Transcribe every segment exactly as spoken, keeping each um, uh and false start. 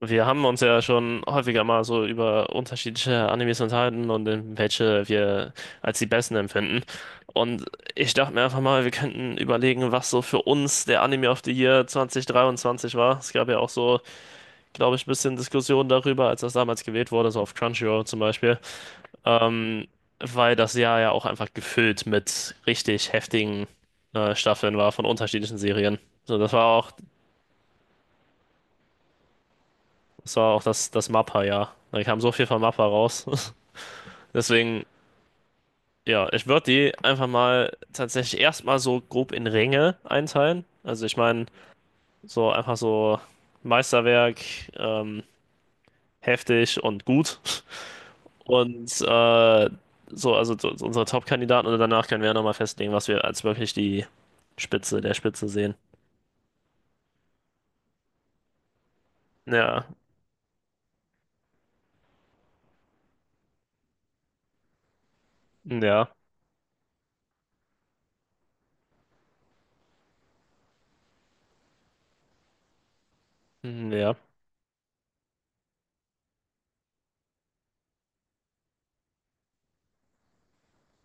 Wir haben uns ja schon häufiger mal so über unterschiedliche Animes unterhalten und in welche wir als die besten empfinden. Und ich dachte mir einfach mal, wir könnten überlegen, was so für uns der Anime of the Year zweitausenddreiundzwanzig war. Es gab ja auch so, glaube ich, ein bisschen Diskussionen darüber, als das damals gewählt wurde, so auf Crunchyroll zum Beispiel. Ähm, Weil das Jahr ja auch einfach gefüllt mit richtig heftigen äh, Staffeln war von unterschiedlichen Serien. So, das war auch, das war auch das, das MAPPA-Jahr. Da kam so viel von MAPPA raus. Deswegen, ja, ich würde die einfach mal tatsächlich erstmal so grob in Ränge einteilen. Also ich meine, so einfach so Meisterwerk, ähm, heftig und gut. Und äh, so, also so, so unsere Top-Kandidaten und danach können wir ja nochmal festlegen, was wir als wirklich die Spitze der Spitze sehen. Ja, ja, ja,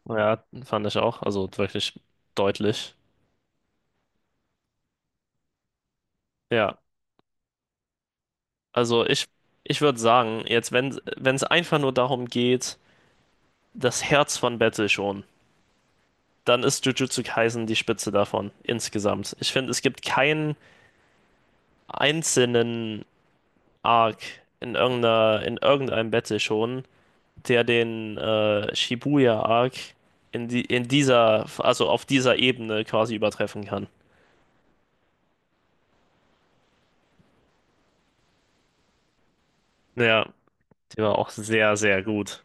ja, fand ich auch. Also wirklich deutlich. Ja, also ich, ich würde sagen, jetzt, wenn, wenn es einfach nur darum geht, das Herz von Battle schon, dann ist Jujutsu Kaisen die Spitze davon, insgesamt. Ich finde, es gibt keinen einzelnen Arc in irgendeiner, in irgendeinem Battle schon, der den äh, Shibuya Arc in die, in dieser, also auf dieser Ebene quasi übertreffen kann. Ja, die war auch sehr, sehr gut.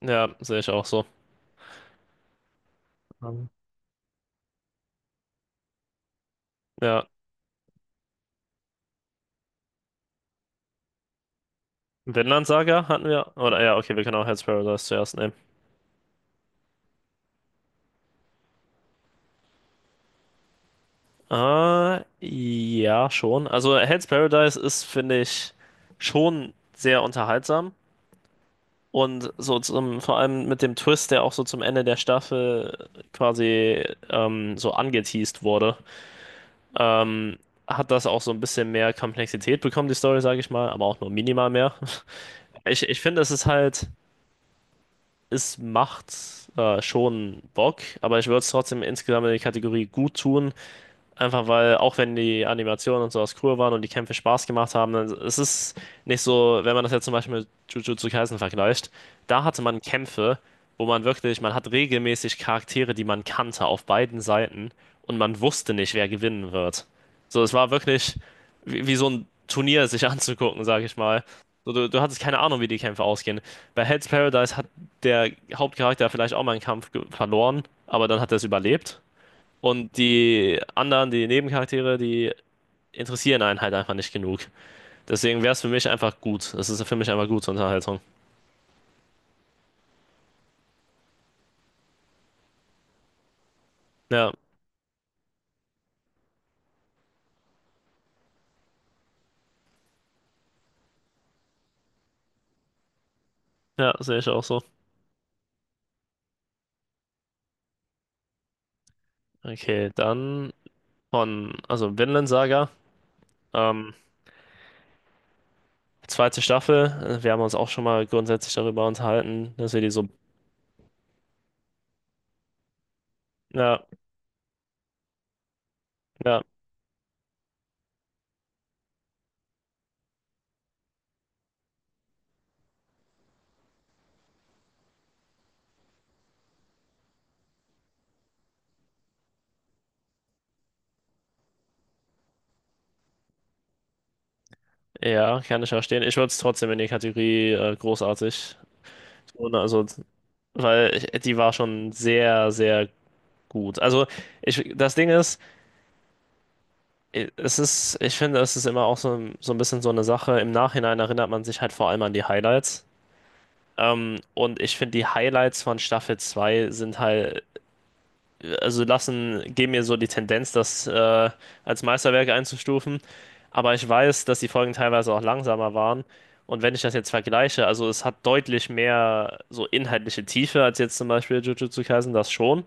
Ja, sehe ich auch so. Ähm, Ja, Vinland Saga hatten wir, oder ja, okay, wir können auch Hell's Paradise zuerst nehmen. Äh, ja, schon. Also Hell's Paradise ist, finde ich, schon sehr unterhaltsam. Und so zum, vor allem mit dem Twist, der auch so zum Ende der Staffel quasi ähm, so angeteased wurde, ähm, hat das auch so ein bisschen mehr Komplexität bekommen, die Story, sage ich mal, aber auch nur minimal mehr. Ich, ich finde, es ist halt, es macht äh, schon Bock, aber ich würde es trotzdem insgesamt in die Kategorie gut tun, einfach weil, auch wenn die Animationen und sowas cool waren und die Kämpfe Spaß gemacht haben, dann, es ist nicht so, wenn man das jetzt zum Beispiel mit Jujutsu Kaisen vergleicht, da hatte man Kämpfe, wo man wirklich, man hat regelmäßig Charaktere, die man kannte auf beiden Seiten und man wusste nicht, wer gewinnen wird. So, es war wirklich wie, wie so ein Turnier sich anzugucken, sag ich mal. So, du, du hattest keine Ahnung, wie die Kämpfe ausgehen. Bei Hell's Paradise hat der Hauptcharakter vielleicht auch mal einen Kampf ge- verloren, aber dann hat er es überlebt. Und die anderen, die Nebencharaktere, die interessieren einen halt einfach nicht genug. Deswegen wäre es für mich einfach gut. Es ist für mich einfach gute Unterhaltung. Ja, ja, sehe ich auch so. Okay, dann von, also Vinland Saga, ähm, zweite Staffel. Äh, Wir haben uns auch schon mal grundsätzlich darüber unterhalten, dass wir die so. Ja, ja, ja, kann ich verstehen. Ich würde es trotzdem in die Kategorie äh, großartig tun, also, weil ich, die war schon sehr, sehr gut. Also, ich, das Ding ist, Es ist, ich finde, es ist immer auch so, ein- so ein bisschen so eine Sache. Im Nachhinein erinnert man sich halt vor allem an die Highlights. Ähm, und ich finde, die Highlights von Staffel zwei sind halt, also lassen, geben mir so die Tendenz, das äh, als Meisterwerk einzustufen. Aber ich weiß, dass die Folgen teilweise auch langsamer waren. Und wenn ich das jetzt vergleiche, also es hat deutlich mehr so inhaltliche Tiefe als jetzt zum Beispiel Jujutsu Kaisen, das schon.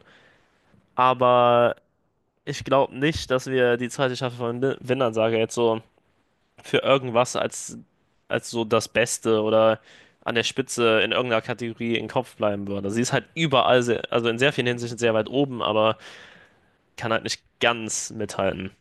Aber ich glaube nicht, dass wir die zweite Staffel von Win- Vinland Saga jetzt so für irgendwas als, als so das Beste oder an der Spitze in irgendeiner Kategorie im Kopf bleiben würde. Sie ist halt überall, sehr, also in sehr vielen Hinsichten sehr weit oben, aber kann halt nicht ganz mithalten.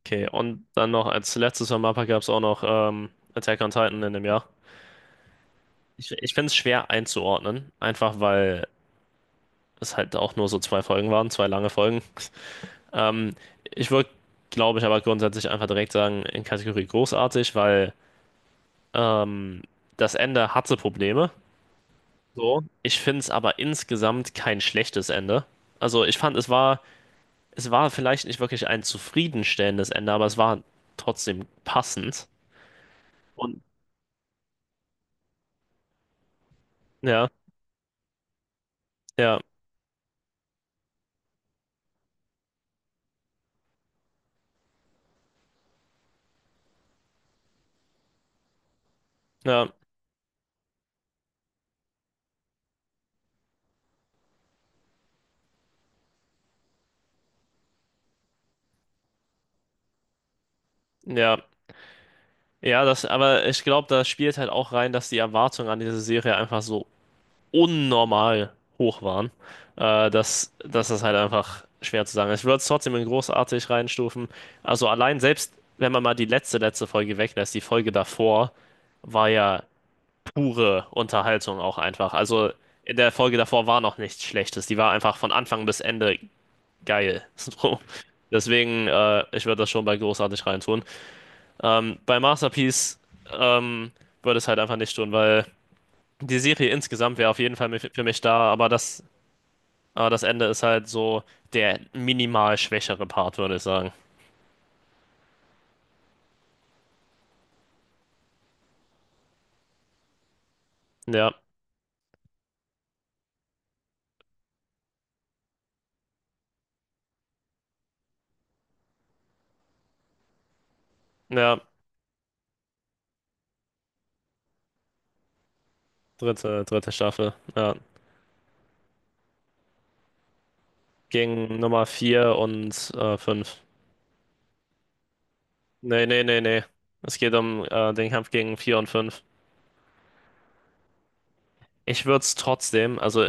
Okay, und dann noch als letztes von Mappa gab es auch noch ähm, Attack on Titan in dem Jahr. Ich, ich finde es schwer einzuordnen, einfach weil es halt auch nur so zwei Folgen waren, zwei lange Folgen. Ähm, Ich würde, glaube ich, aber grundsätzlich einfach direkt sagen, in Kategorie großartig, weil ähm, das Ende hatte Probleme. So. Ich finde es aber insgesamt kein schlechtes Ende. Also ich fand, es war, es war vielleicht nicht wirklich ein zufriedenstellendes Ende, aber es war trotzdem passend. Und ja, ja, ja, ja. Ja, das, aber ich glaube, da spielt halt auch rein, dass die Erwartungen an diese Serie einfach so unnormal hoch waren, äh, dass, dass das halt einfach schwer zu sagen ist. Ich würde es trotzdem in großartig reinstufen. Also allein selbst, wenn man mal die letzte, letzte Folge weglässt, die Folge davor war ja pure Unterhaltung auch einfach. Also in der Folge davor war noch nichts Schlechtes. Die war einfach von Anfang bis Ende geil. So. Deswegen, äh, ich würde das schon bei großartig reintun. Ähm, bei Masterpiece ähm, würde es halt einfach nicht tun, weil die Serie insgesamt wäre auf jeden Fall mi- für mich da, aber das, aber das Ende ist halt so der minimal schwächere Part, würde ich sagen. Ja, ja, dritte, dritte Staffel. Ja. Gegen Nummer vier und äh, fünf. Nee, nee, nee, nee. Es geht um äh, den Kampf gegen vier und fünf. Ich würde es trotzdem, also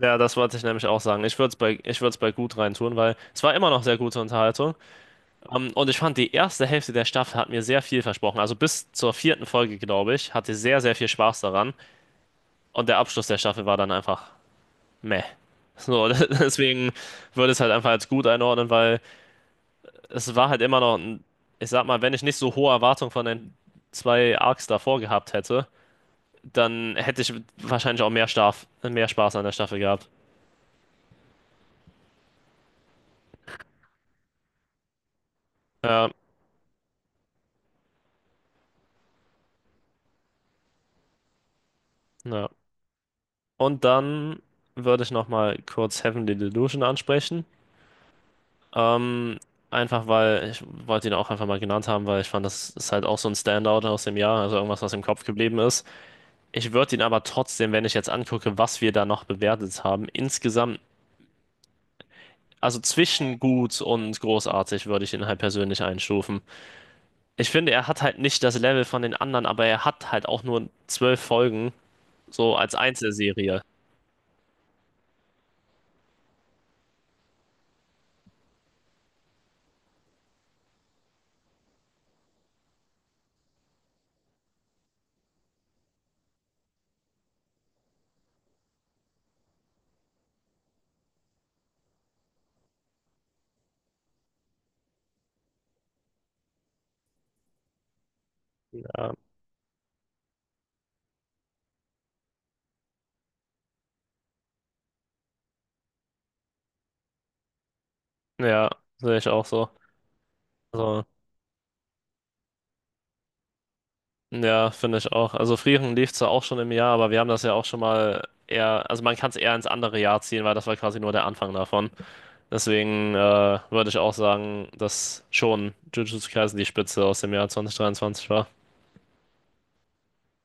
ja, das wollte ich nämlich auch sagen. Ich würde es bei, ich würde es bei gut reintun, weil es war immer noch sehr gute Unterhaltung. Ähm, und ich fand, die erste Hälfte der Staffel hat mir sehr viel versprochen. Also bis zur vierten Folge, glaube ich, hatte ich sehr, sehr viel Spaß daran. Und der Abschluss der Staffel war dann einfach meh. So, deswegen würde ich es halt einfach als gut einordnen, weil es war halt immer noch, ein- ich sag mal, wenn ich nicht so hohe Erwartungen von den zwei Arcs davor gehabt hätte, dann hätte ich wahrscheinlich auch mehr, Starf, mehr Spaß an der Staffel gehabt. Ja, ja. Und dann würde ich nochmal kurz Heavenly Delusion ansprechen. Ähm, einfach weil ich wollte ihn auch einfach mal genannt haben, weil ich fand, das ist halt auch so ein Standout aus dem Jahr, also irgendwas, was im Kopf geblieben ist. Ich würde ihn aber trotzdem, wenn ich jetzt angucke, was wir da noch bewertet haben, insgesamt, also zwischen gut und großartig würde ich ihn halt persönlich einstufen. Ich finde, er hat halt nicht das Level von den anderen, aber er hat halt auch nur zwölf Folgen, so als Einzelserie. Ja, ja, sehe ich auch so. Also, ja, finde ich auch. Also Frieren lief zwar auch schon im Jahr, aber wir haben das ja auch schon mal eher, also man kann es eher ins andere Jahr ziehen, weil das war quasi nur der Anfang davon. Deswegen äh, würde ich auch sagen, dass schon Jujutsu Kaisen die Spitze aus dem Jahr zweitausenddreiundzwanzig war.